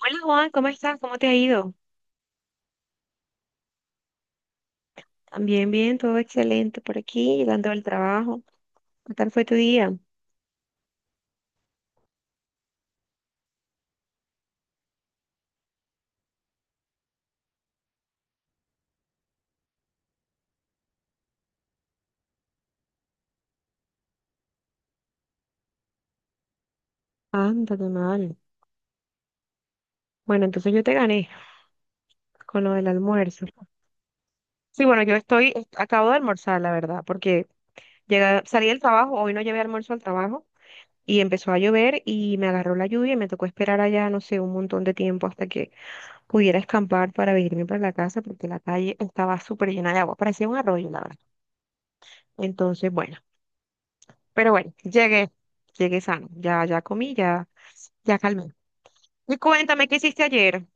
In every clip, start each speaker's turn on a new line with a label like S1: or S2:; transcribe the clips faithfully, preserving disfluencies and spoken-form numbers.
S1: Hola Juan, ¿cómo estás? ¿Cómo te ha ido? También bien, todo excelente por aquí, llegando al trabajo. ¿Qué tal fue tu día? Anda, qué mal. Bueno, entonces yo te gané con lo del almuerzo. Sí, bueno, yo estoy, est- acabo de almorzar, la verdad, porque llegué- salí del trabajo, hoy no llevé almuerzo al trabajo y empezó a llover y me agarró la lluvia y me tocó esperar allá, no sé, un montón de tiempo hasta que pudiera escampar para venirme para la casa porque la calle estaba súper llena de agua, parecía un arroyo, la verdad. Entonces, bueno. Pero bueno, llegué, llegué sano. Ya, ya comí, ya, ya calmé. Y cuéntame, ¿qué hiciste ayer?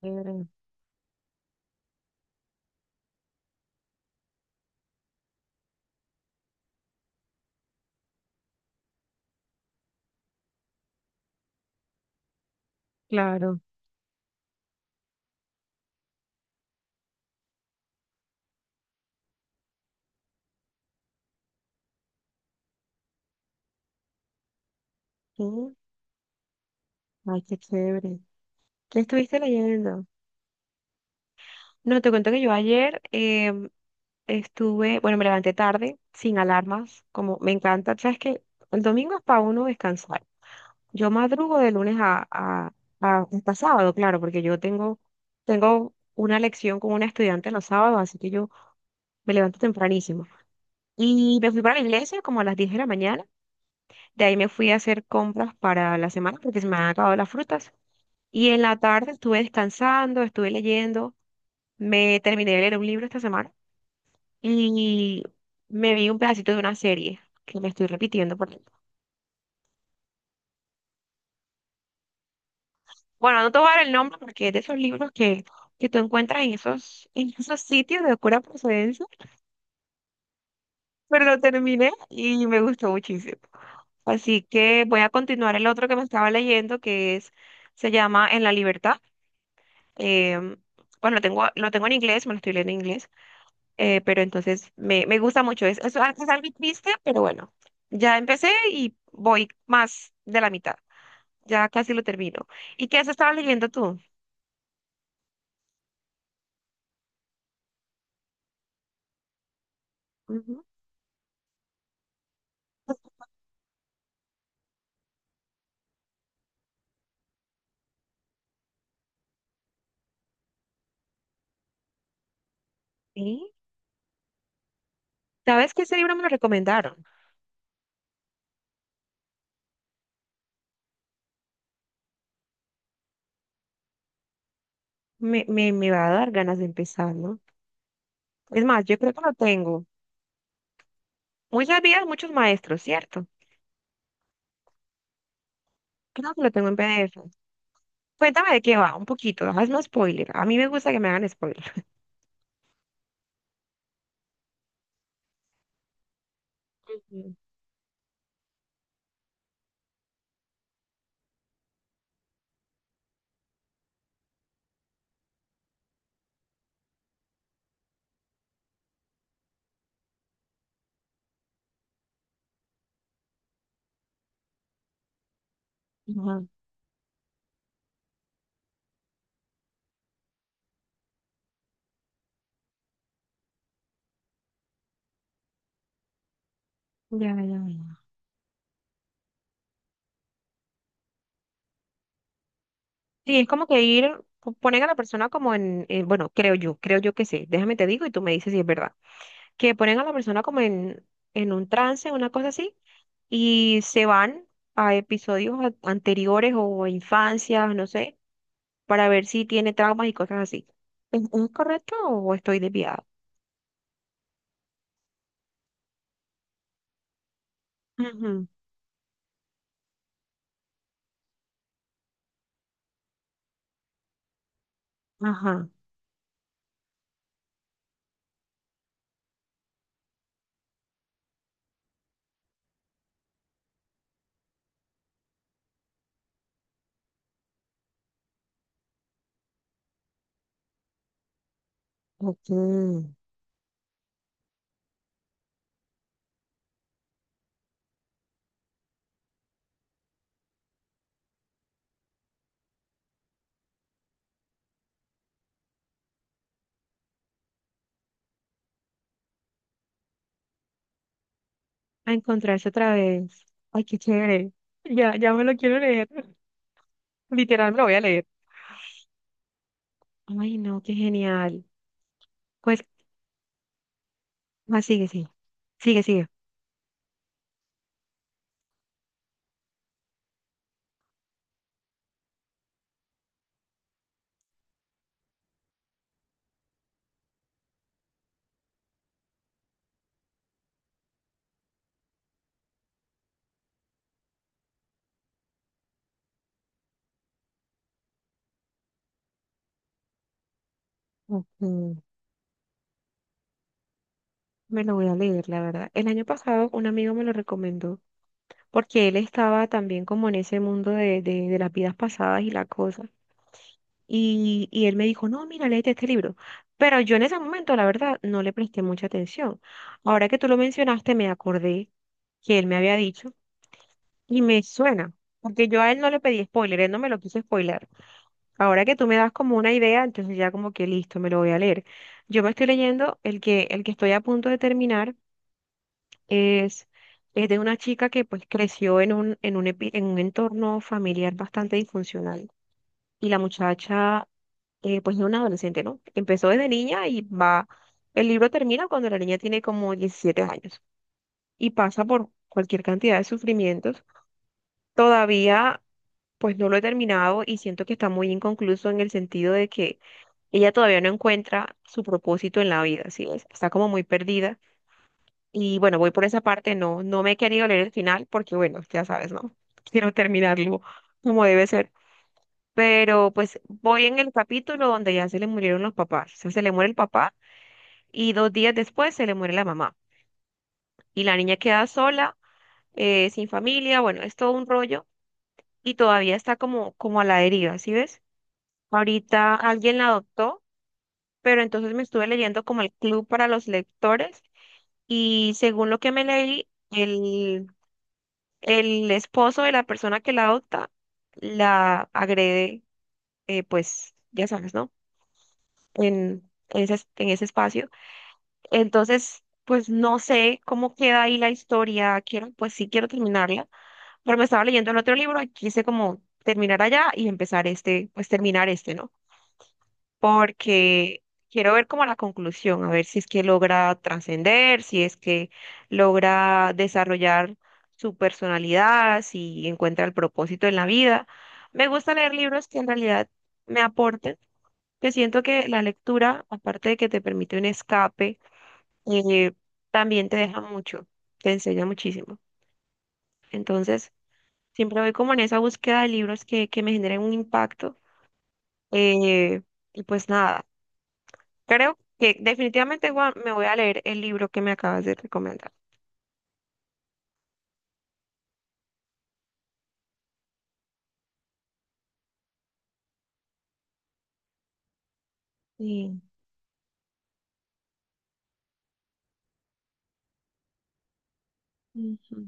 S1: Chévere. Claro. Mm. Ay, qué chévere. ¿Qué estuviste leyendo? No, te cuento que yo ayer em, estuve, bueno, me levanté tarde, sin alarmas, como me encanta. Sabes que el domingo es para uno descansar. Yo madrugo de lunes a, a, a- hasta sábado, claro, porque yo tengo, tengo una lección con una estudiante los sábados, así que yo me levanto tempranísimo. Y me fui para la iglesia como a las diez de la mañana. De ahí me fui a hacer compras para la semana porque se me han acabado las frutas. Y en la tarde estuve descansando, estuve leyendo. Me terminé de leer un libro esta semana y me vi un pedacito de una serie que me estoy repitiendo. Por ahí. Bueno, no te voy a dar el nombre porque es de esos libros que, que tú encuentras en esos, en esos sitios de oscura procedencia, pero lo terminé y me gustó muchísimo. Así que voy a continuar el otro que me estaba leyendo que es, se llama En la libertad. Em, bueno, lo tengo, lo tengo en inglés, me lo estoy leyendo en inglés, eh, pero entonces me, me gusta mucho. Es, es, al- es algo triste, pero bueno, ya empecé y voy más de la mitad. Ya casi lo termino. ¿Y qué has estado leyendo tú? Ujú. Sí. ¿Sabes qué ese libro me lo recomendaron? Me, me, me va a dar ganas de empezar, ¿no? Es más, yo creo que lo tengo. Muchas vidas, muchos maestros, ¿cierto? Creo que lo tengo en P D F. Cuéntame de qué va, un poquito, hazme spoiler. A mí me gusta que me hagan spoiler. Ujú. Ajá. Ya, ya. Sí, es como que ir, po- ponen a la persona como en, en- bueno, creo yo, creo yo que sí, déjame te digo y tú me dices si es verdad, que ponen a la persona como en, en un trance, una cosa así, y se van a episodios a- anteriores o a infancias, no sé, para ver si tiene traumas y cosas así. ¿Es, es correcto o estoy desviada? Ujú. Ajá. Ok. A encontrarse otra vez. Ay, qué chévere. Ya, ya me lo quiero leer. Literal, me lo voy a leer. Ay, no, qué genial. Pues. Ah, sigue, sigue. Sigue, sigue. Ok. Me lo voy a leer, la verdad. El año pasado un amigo me lo recomendó porque él estaba también como en ese mundo de, de, de las vidas pasadas y la cosa. Y, y él me dijo, no, mira, léete este libro. Pero yo en ese momento, la verdad, no le presté mucha atención. Ahora que tú lo mencionaste, me acordé que él me había dicho y me suena, porque yo a él no le pedí spoiler, él no me lo quiso spoiler. Ahora que tú me das como una idea, entonces ya como que listo, me lo voy a leer. Yo me estoy leyendo el que, el que estoy a punto de terminar es, es de una chica que pues creció en un, en un, epi- en un entorno familiar bastante disfuncional. Y la muchacha, eh, pues es una adolescente, ¿no? Empezó desde niña y va, el libro termina cuando la niña tiene como diecisiete años y pasa por cualquier cantidad de sufrimientos. Todavía. Pues no lo he terminado y siento que está muy inconcluso en el sentido de que ella todavía no encuentra su propósito en la vida, ¿sí? ves? Está como muy perdida. Y bueno, voy por esa parte, no, no me he querido leer el final porque bueno, ya sabes, ¿no? Quiero terminarlo como debe ser. Pero pues voy en el capítulo donde ya se le murieron los papás. O sea, se le muere el papá y dos días después se le muere la mamá. Y la niña queda sola, eh, sin familia, bueno, es todo un rollo y todavía está como, como a la deriva, ¿sí ves? Ahorita alguien la adoptó, pero entonces me estuve leyendo como el club para los lectores y según lo que me leí, el, el esposo de la persona que la adopta la agrede, eh, pues ya sabes, ¿no? En, en ese, es- en ese espacio. Entonces, pues no sé cómo queda ahí la historia. Quiero, pues sí quiero terminarla, pero me estaba leyendo el otro libro y quise como terminar allá y empezar este, pues terminar este, ¿no? Porque quiero ver como la conclusión, a ver si es que logra trascender, si es que logra desarrollar su personalidad, si encuentra el propósito en la vida. Me gusta leer libros que en realidad me aporten, que siento que la lectura, aparte de que te permite un escape, eh, también te deja mucho, te enseña muchísimo. Entonces, siempre voy como en esa búsqueda de libros que, que me generen un impacto. eh, y pues nada. Creo que definitivamente Juan, me voy a leer el libro que me acabas de recomendar. Sí. Ujú.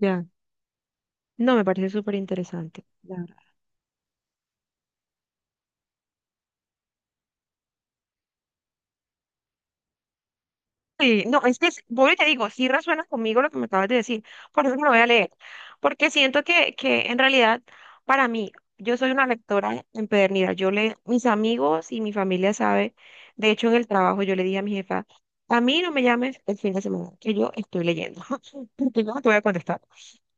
S1: Ya. No, me parece súper interesante. Claro. Sí, no, es que es- voy y te digo, sí resuena conmigo lo que me acabas de decir, por eso me lo voy a leer, porque siento que, que en realidad para mí, yo soy una lectora empedernida, yo le, mis amigos y mi familia sabe, de hecho en el trabajo yo le dije a mi jefa, a mí no me llames el fin de semana, que yo estoy leyendo, porque yo no te voy a contestar.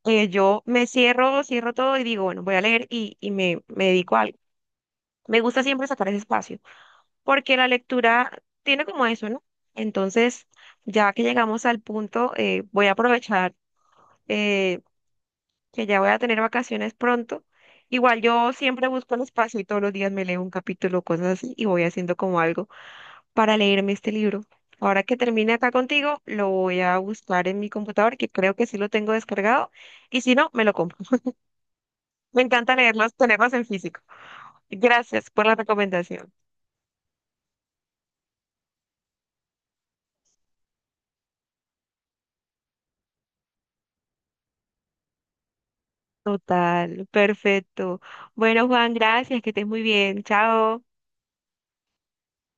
S1: eh, Yo me cierro, cierro todo y digo, bueno, voy a leer y, y me, me dedico a algo. Me gusta siempre sacar ese espacio, porque la lectura tiene como eso, ¿no? Entonces, ya que llegamos al punto, eh, voy a aprovechar eh, que ya voy a tener vacaciones pronto. Igual yo siempre busco el espacio y todos los días me leo un capítulo, cosas así, y voy haciendo como algo para leerme este libro. Ahora que termine acá contigo, lo voy a buscar en mi computador, que creo que sí lo tengo descargado, y si no, me lo compro. Me encanta leerlos, tenerlos en físico. Gracias por la recomendación. Total, perfecto. Bueno, Juan, gracias, que estés muy bien. Chao.